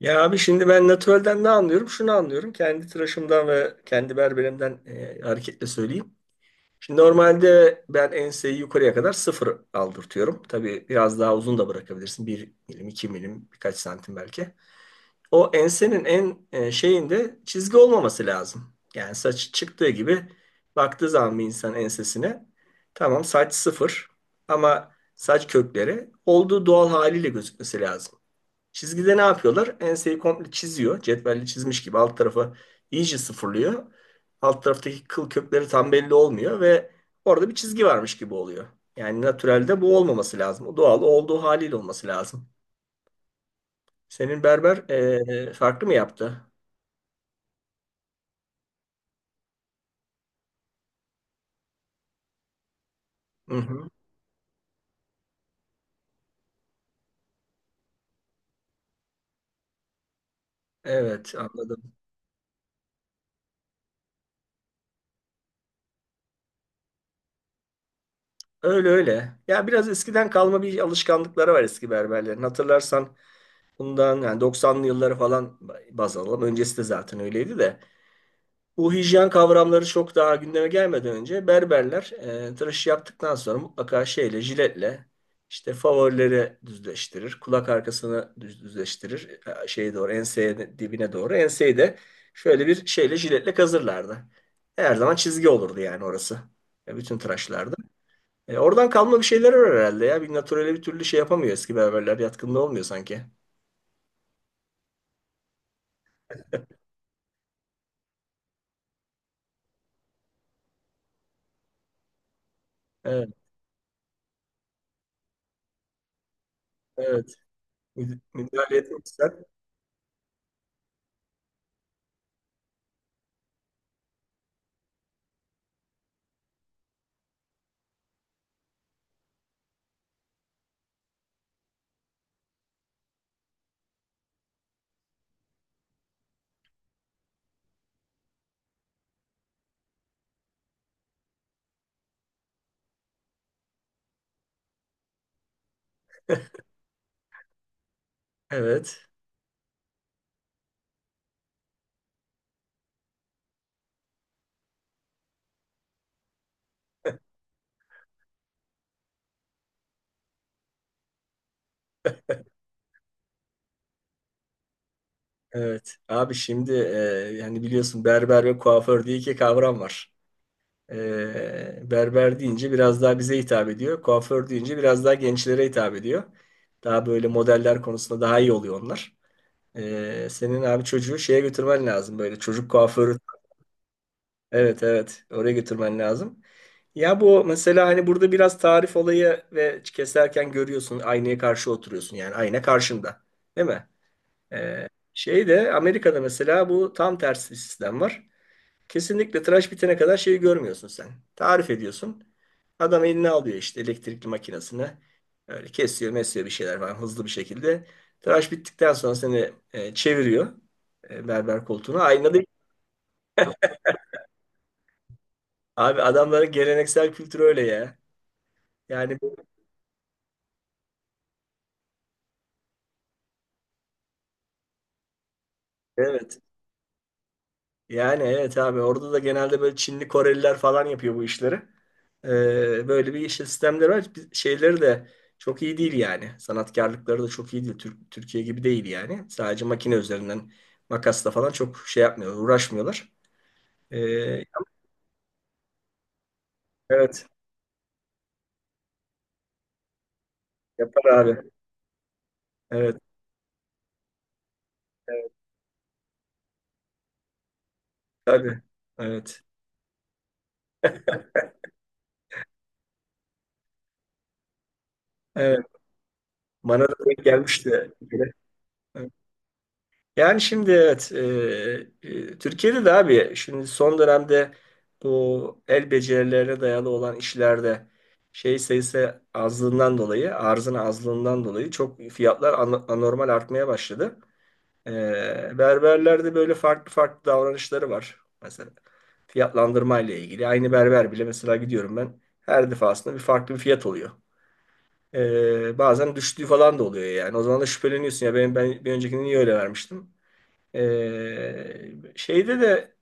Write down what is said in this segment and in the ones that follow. Ya abi şimdi ben natürelden ne anlıyorum? Şunu anlıyorum. Kendi tıraşımdan ve kendi berberimden hareketle söyleyeyim. Şimdi normalde ben enseyi yukarıya kadar sıfır aldırtıyorum. Tabii biraz daha uzun da bırakabilirsin. Bir milim, iki milim, birkaç santim belki. O ensenin en şeyinde çizgi olmaması lazım. Yani saç çıktığı gibi baktığı zaman bir insan ensesine tamam saç sıfır ama saç kökleri olduğu doğal haliyle gözükmesi lazım. Çizgide ne yapıyorlar? Enseyi komple çiziyor. Cetvelle çizmiş gibi alt tarafı iyice sıfırlıyor. Alt taraftaki kıl kökleri tam belli olmuyor ve orada bir çizgi varmış gibi oluyor. Yani natürelde bu olmaması lazım. O doğal olduğu haliyle olması lazım. Senin berber farklı mı yaptı? Hı hı. Evet, anladım. Öyle öyle. Ya biraz eskiden kalma bir alışkanlıkları var eski berberlerin. Hatırlarsan bundan yani 90'lı yılları falan baz alalım. Öncesi de zaten öyleydi de. Bu hijyen kavramları çok daha gündeme gelmeden önce berberler tıraşı yaptıktan sonra mutlaka şeyle jiletle işte favorileri düzleştirir. Kulak arkasını düzleştirir. Şeye doğru dibine doğru. Enseyi de şöyle bir şeyle jiletle kazırlardı. Her zaman çizgi olurdu yani orası. Bütün tıraşlarda. Oradan kalma bir şeyler var herhalde ya. Bir naturele bir türlü şey yapamıyor eski berberler. Yatkınlığı olmuyor sanki. Evet, evet. Müdahale etmek ister. Evet. Evet. Abi şimdi yani biliyorsun berber ve kuaför diye iki kavram var. Berber deyince biraz daha bize hitap ediyor. Kuaför deyince biraz daha gençlere hitap ediyor. Daha böyle modeller konusunda daha iyi oluyor onlar. Senin abi çocuğu şeye götürmen lazım böyle çocuk kuaförü. Evet, evet, oraya götürmen lazım. Ya bu mesela hani burada biraz tarif olayı ve keserken görüyorsun aynaya karşı oturuyorsun yani ayna karşında, değil mi? Şeyde Amerika'da mesela bu tam tersi bir sistem var. Kesinlikle tıraş bitene kadar şeyi görmüyorsun sen. Tarif ediyorsun. Adam eline alıyor işte elektrikli makinesini. Öyle kesiyor, mesiyor bir şeyler falan hızlı bir şekilde. Tıraş bittikten sonra seni çeviriyor berber koltuğuna. Aynada abi adamların geleneksel kültürü öyle ya. Yani evet, yani evet abi orada da genelde böyle Çinli Koreliler falan yapıyor bu işleri. Böyle bir işte sistemleri var. Şeyleri de çok iyi değil yani. Sanatkarlıkları da çok iyi değil. Türkiye gibi değil yani. Sadece makine üzerinden makasla falan çok şey yapmıyorlar, uğraşmıyorlar. Ee, evet yapar abi. Evet, evet, tabii. Evet. Evet. Bana da denk gelmişti. Yani şimdi evet, Türkiye'de de abi şimdi son dönemde bu el becerilerine dayalı olan işlerde şey sayısı azlığından dolayı arzın azlığından dolayı çok fiyatlar anormal artmaya başladı. E, Berberlerde böyle farklı farklı davranışları var. Mesela fiyatlandırma ile ilgili aynı berber bile mesela gidiyorum ben her defasında bir farklı bir fiyat oluyor. Bazen düştüğü falan da oluyor yani. O zaman da şüpheleniyorsun ya ben bir öncekini niye öyle vermiştim? Şeyde de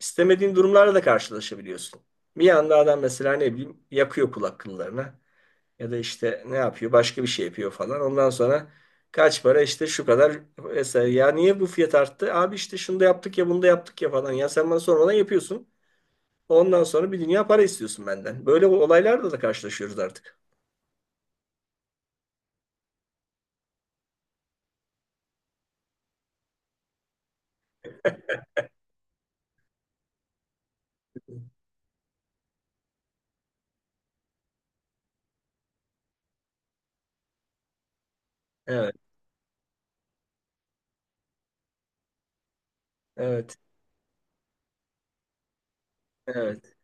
istemediğin durumlarla da karşılaşabiliyorsun. Bir anda adam mesela ne bileyim yakıyor kulak kıllarına ya da işte ne yapıyor başka bir şey yapıyor falan. Ondan sonra kaç para işte şu kadar mesela ya niye bu fiyat arttı? Abi işte şunu da yaptık ya bunu da yaptık ya falan. Ya sen bana sormadan yapıyorsun. Ondan sonra bir dünya para istiyorsun benden. Böyle olaylarla da karşılaşıyoruz artık. Evet, evet, evet.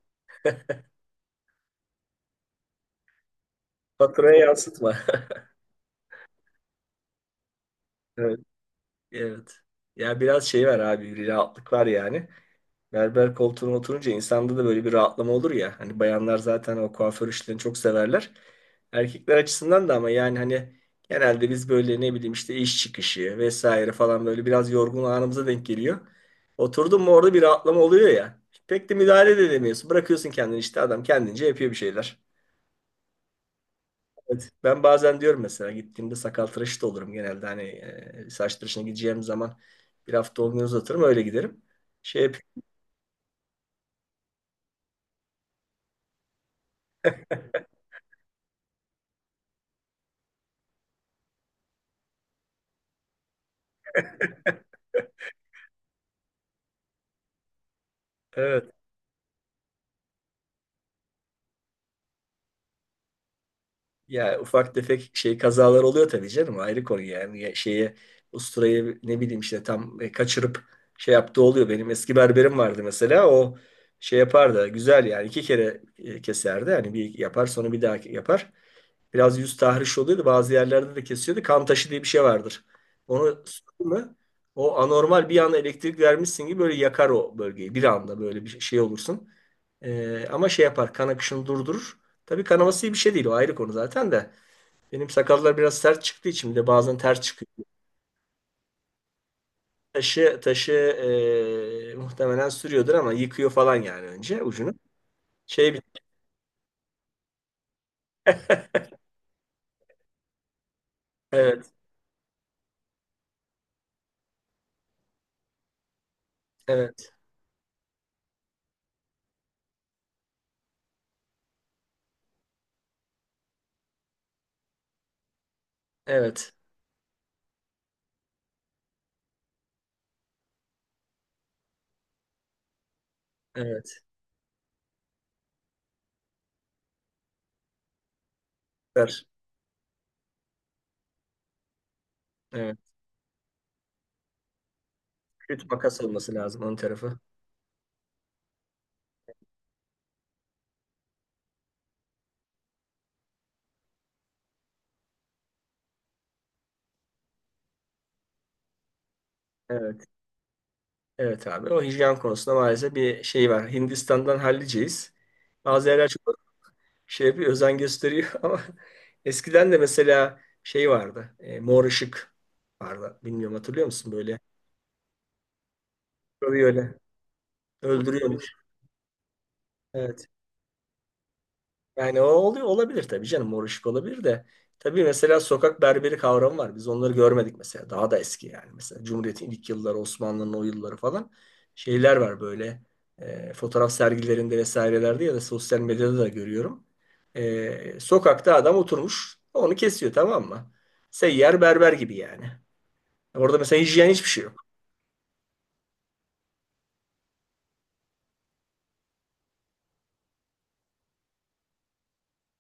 Faturaya yansıtma. Evet, evet. Ya biraz şey var abi, bir rahatlık var yani. Berber koltuğuna oturunca insanda da böyle bir rahatlama olur ya. Hani bayanlar zaten o kuaför işlerini çok severler. Erkekler açısından da ama yani hani genelde biz böyle ne bileyim işte iş çıkışı vesaire falan böyle biraz yorgun anımıza denk geliyor. Oturdun mu orada bir rahatlama oluyor ya. Pek de müdahale de edemiyorsun. Bırakıyorsun kendini işte adam kendince yapıyor bir şeyler. Evet. Ben bazen diyorum mesela gittiğimde sakal tıraşı da olurum genelde. Hani saç tıraşına gideceğim zaman bir hafta olmuyor uzatırım öyle giderim. Şey yapıyorum. Ya ufak tefek şey kazalar oluyor tabii canım ayrı konu yani. Ya şeye usturayı ne bileyim işte tam kaçırıp şey yaptığı oluyor. Benim eski berberim vardı mesela o şey yapardı güzel yani iki kere keserdi hani bir yapar sonra bir daha yapar. Biraz yüz tahriş oluyordu bazı yerlerde de kesiyordu kan taşı diye bir şey vardır. Onu sürdün mü o anormal bir anda elektrik vermişsin gibi böyle yakar o bölgeyi bir anda böyle bir şey olursun. Ama şey yapar kan akışını durdurur. Tabii kanaması iyi bir şey değil. O ayrı konu zaten de. Benim sakallar biraz sert çıktığı için bir de bazen ters çıkıyor. Taşı muhtemelen sürüyordur ama yıkıyor falan yani önce ucunu. Şey bir- evet, evet, evet, evet, ver. Evet. Kötü makas olması lazım onun tarafı. Evet, evet abi. O hijyen konusunda maalesef bir şey var. Hindistan'dan halliceyiz. Bazı yerler çok şey bir özen gösteriyor ama eskiden de mesela şey vardı. Mor ışık vardı. Bilmiyorum, hatırlıyor musun böyle? Tabii öyle. Öldürüyormuş. Evet. Yani o oluyor, olabilir tabii canım. Mor ışık olabilir de. Tabii mesela sokak berberi kavramı var. Biz onları görmedik mesela. Daha da eski yani. Mesela Cumhuriyet'in ilk yılları, Osmanlı'nın o yılları falan. Şeyler var böyle. Fotoğraf sergilerinde vesairelerde ya da sosyal medyada da görüyorum. Sokakta adam oturmuş. Onu kesiyor, tamam mı? Seyyar berber gibi yani. Orada mesela hijyen hiçbir şey yok.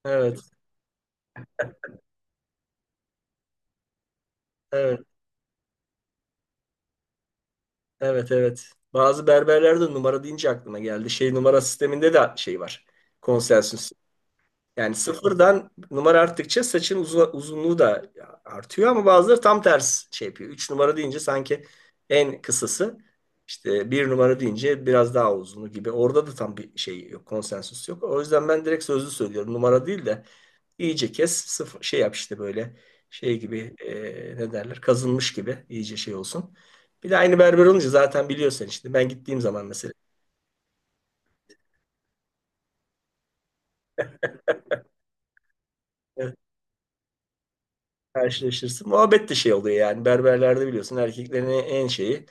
Evet. Evet. Evet, evet. Bazı berberlerde numara deyince aklıma geldi. Şey numara sisteminde de şey var. Konsensüs. Yani sıfırdan numara arttıkça saçın uzunluğu da artıyor ama bazıları tam ters şey yapıyor. Üç numara deyince sanki en kısası. İşte bir numara deyince biraz daha uzunu gibi. Orada da tam bir şey yok. Konsensüs yok. O yüzden ben direkt sözlü söylüyorum. Numara değil de İyice kes, sıfır, şey yap işte böyle şey gibi ne derler kazınmış gibi iyice şey olsun. Bir de aynı berber olunca zaten biliyorsun işte ben gittiğim zaman mesela evet, karşılaşırsın. Muhabbet de şey oluyor yani berberlerde biliyorsun erkeklerin en şeyi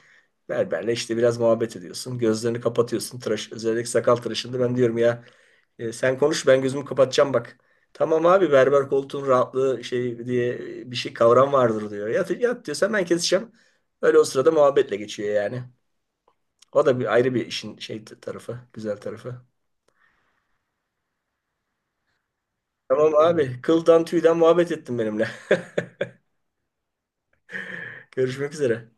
berberle işte biraz muhabbet ediyorsun. Gözlerini kapatıyorsun tıraş özellikle sakal tıraşında ben diyorum ya sen konuş ben gözümü kapatacağım bak. Tamam abi berber koltuğun rahatlığı şey diye bir şey kavram vardır diyor. Yat, yat diyorsan ben keseceğim. Öyle o sırada muhabbetle geçiyor yani. O da bir ayrı bir işin şey tarafı, güzel tarafı. Tamam abi, kıldan tüyden muhabbet ettin benimle. Görüşmek üzere.